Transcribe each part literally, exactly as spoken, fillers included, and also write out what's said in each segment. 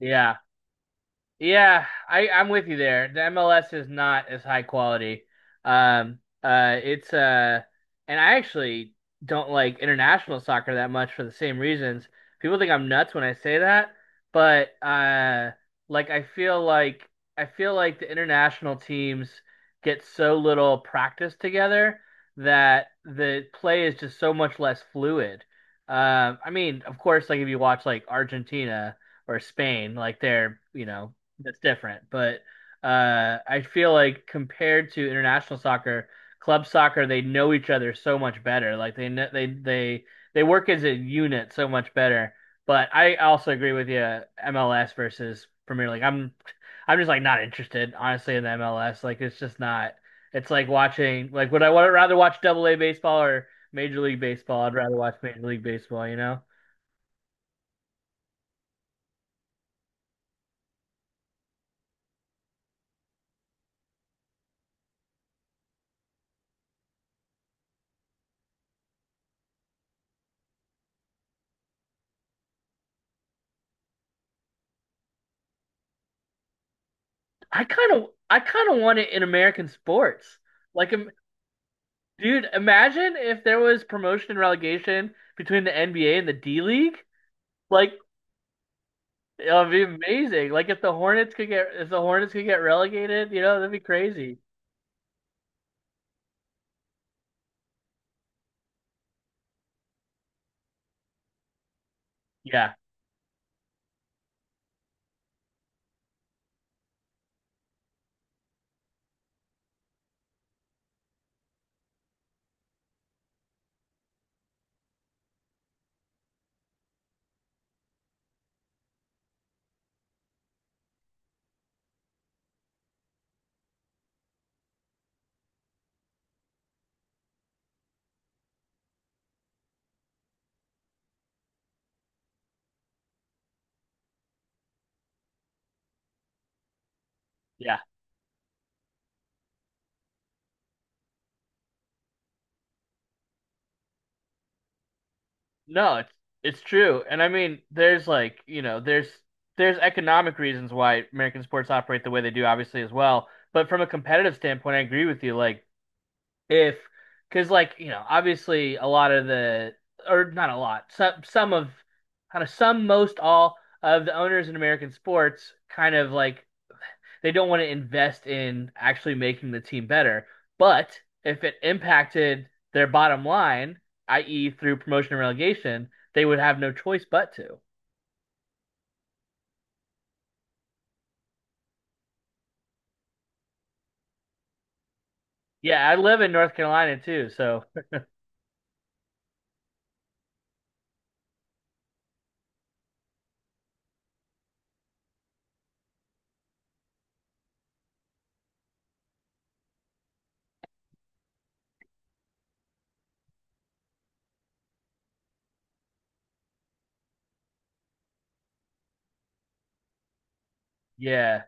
Yeah. Yeah, I, I'm with you there. The M L S is not as high quality. Um, uh, it's uh, and I actually don't like international soccer that much for the same reasons. People think I'm nuts when I say that, but uh, like I feel like I feel like the international teams get so little practice together that the play is just so much less fluid. Um, I mean, of course, like if you watch like Argentina or Spain, like they're, you know, that's different. But uh, I feel like compared to international soccer, club soccer, they know each other so much better. Like they kn- they they they work as a unit so much better. But I also agree with you, M L S versus Premier League. I'm I'm just like not interested, honestly, in the M L S. Like it's just not. It's like watching like would I would rather watch Double A baseball or Major League Baseball? I'd rather watch Major League Baseball, you know? I kind of I kind of want it in American sports. Like dude, imagine if there was promotion and relegation between the N B A and the D League. Like, it would be amazing. Like if the Hornets could get if the Hornets could get relegated, you know, that'd be crazy. Yeah, yeah. No, it's it's true. And I mean, there's like, you know, there's there's economic reasons why American sports operate the way they do, obviously, as well. But from a competitive standpoint, I agree with you. Like if because like you know obviously a lot of the or not a lot some some of kind of some most all of the owners in American sports kind of like they don't want to invest in actually making the team better, but if it impacted their bottom line, i e through promotion and relegation, they would have no choice but to. Yeah, I live in North Carolina too, so yeah.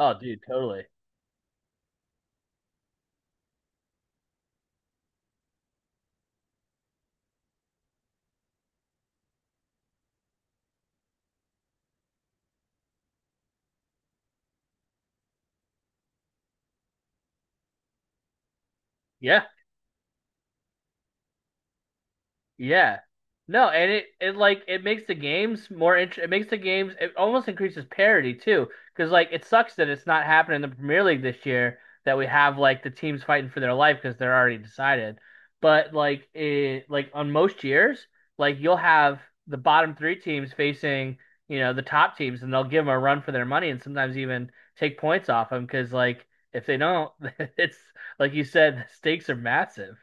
Oh dude, totally. Yeah. Yeah. No, and it it like it makes the games more int it makes the games, it almost increases parity too, because like it sucks that it's not happening in the Premier League this year, that we have like the teams fighting for their life because they're already decided. But like it like on most years, like you'll have the bottom three teams facing, you know, the top teams, and they'll give them a run for their money and sometimes even take points off them because like if they don't, it's like you said, the stakes are massive.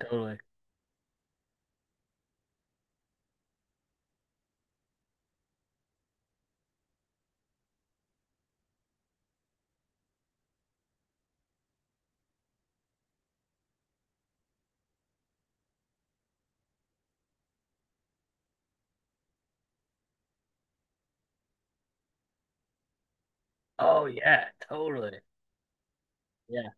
Totally. Oh yeah, totally. Yeah,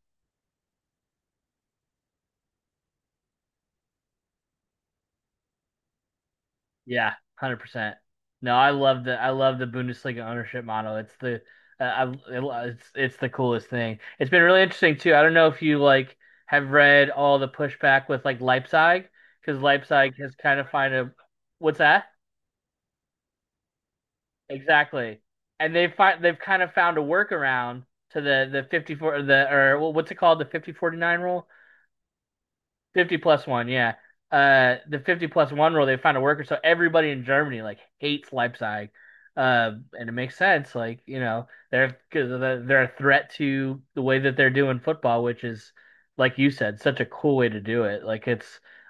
yeah, hundred percent. No, I love the I love the Bundesliga ownership model. It's the uh, I it, it's it's the coolest thing. It's been really interesting too. I don't know if you like have read all the pushback with like Leipzig because Leipzig has kind of find a. What's that? Exactly. And they find they've kind of found a workaround to the the fifty-four, the or well, what's it called, the fifty forty nine rule. fifty plus one, yeah. Uh, the fifty plus one rule, they found a worker. So everybody in Germany like hates Leipzig. Uh, and it makes sense. Like, you know, they're, cause are a threat to the way that they're doing football, which is, like you said, such a cool way to do it. Like it's,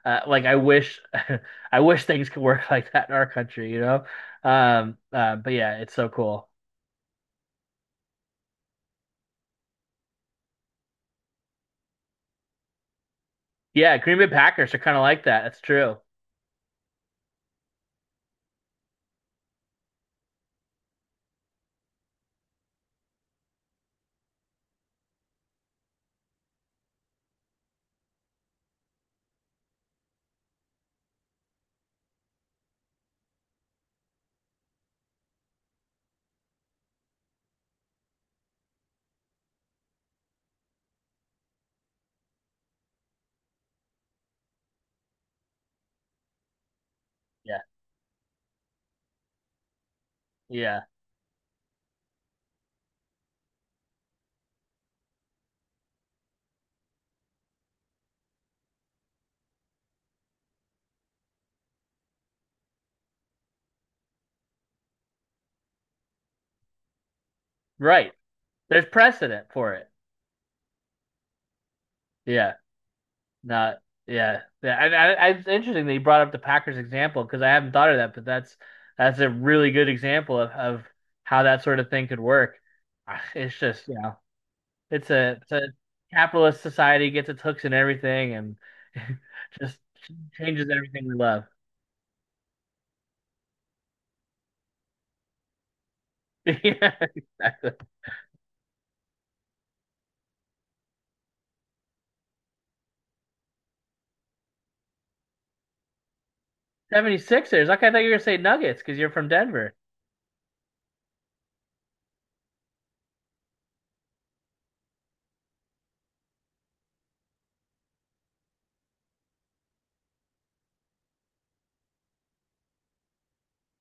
uh, like I wish, I wish things could work like that in our country, you know? Um, uh, but yeah, it's so cool. Yeah, Green Bay Packers are kind of like that. That's true. Yeah. Yeah. Right. There's precedent for it. Yeah. Not yeah, yeah. And I, I, it's interesting that you brought up the Packers example because I haven't thought of that, but that's that's a really good example of, of how that sort of thing could work. Ah, it's just you know, it's a it's a capitalist society gets its hooks in everything and just changes everything we love. Yeah, exactly. 76ers. Okay, I thought you were gonna say Nuggets because you're from Denver.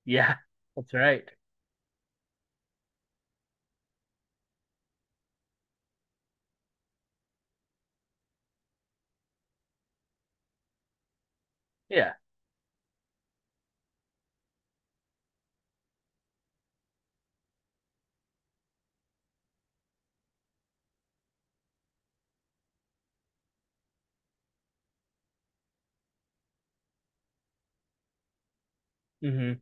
Yeah, that's right. Yeah. Hmm.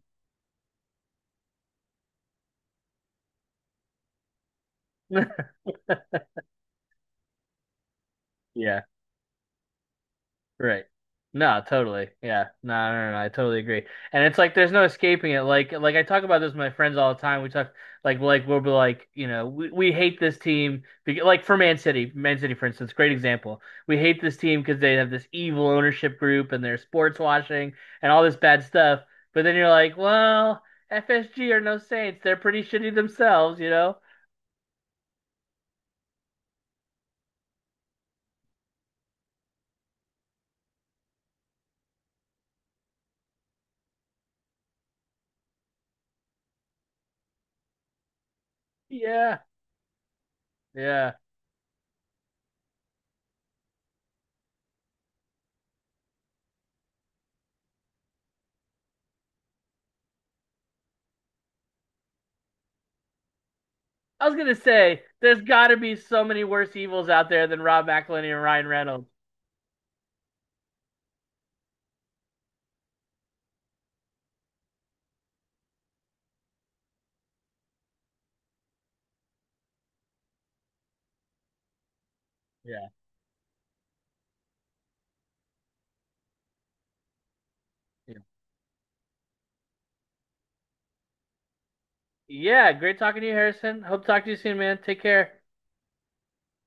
Yeah. Right. No, totally. Yeah. No, no, no, no, I totally agree. And it's like there's no escaping it. Like like I talk about this with my friends all the time. We talk like like we'll be like, you know, we, we hate this team be- like for Man City, Man City for instance, great example. We hate this team because they have this evil ownership group and they're sports washing and all this bad stuff. But then you're like, well, F S G are no saints. They're pretty shitty themselves, you know? Yeah. Yeah. I was gonna say there's got to be so many worse evils out there than Rob McElhenney and Ryan Reynolds. Yeah, yeah. Yeah, great talking to you, Harrison. Hope to talk to you soon, man. Take care.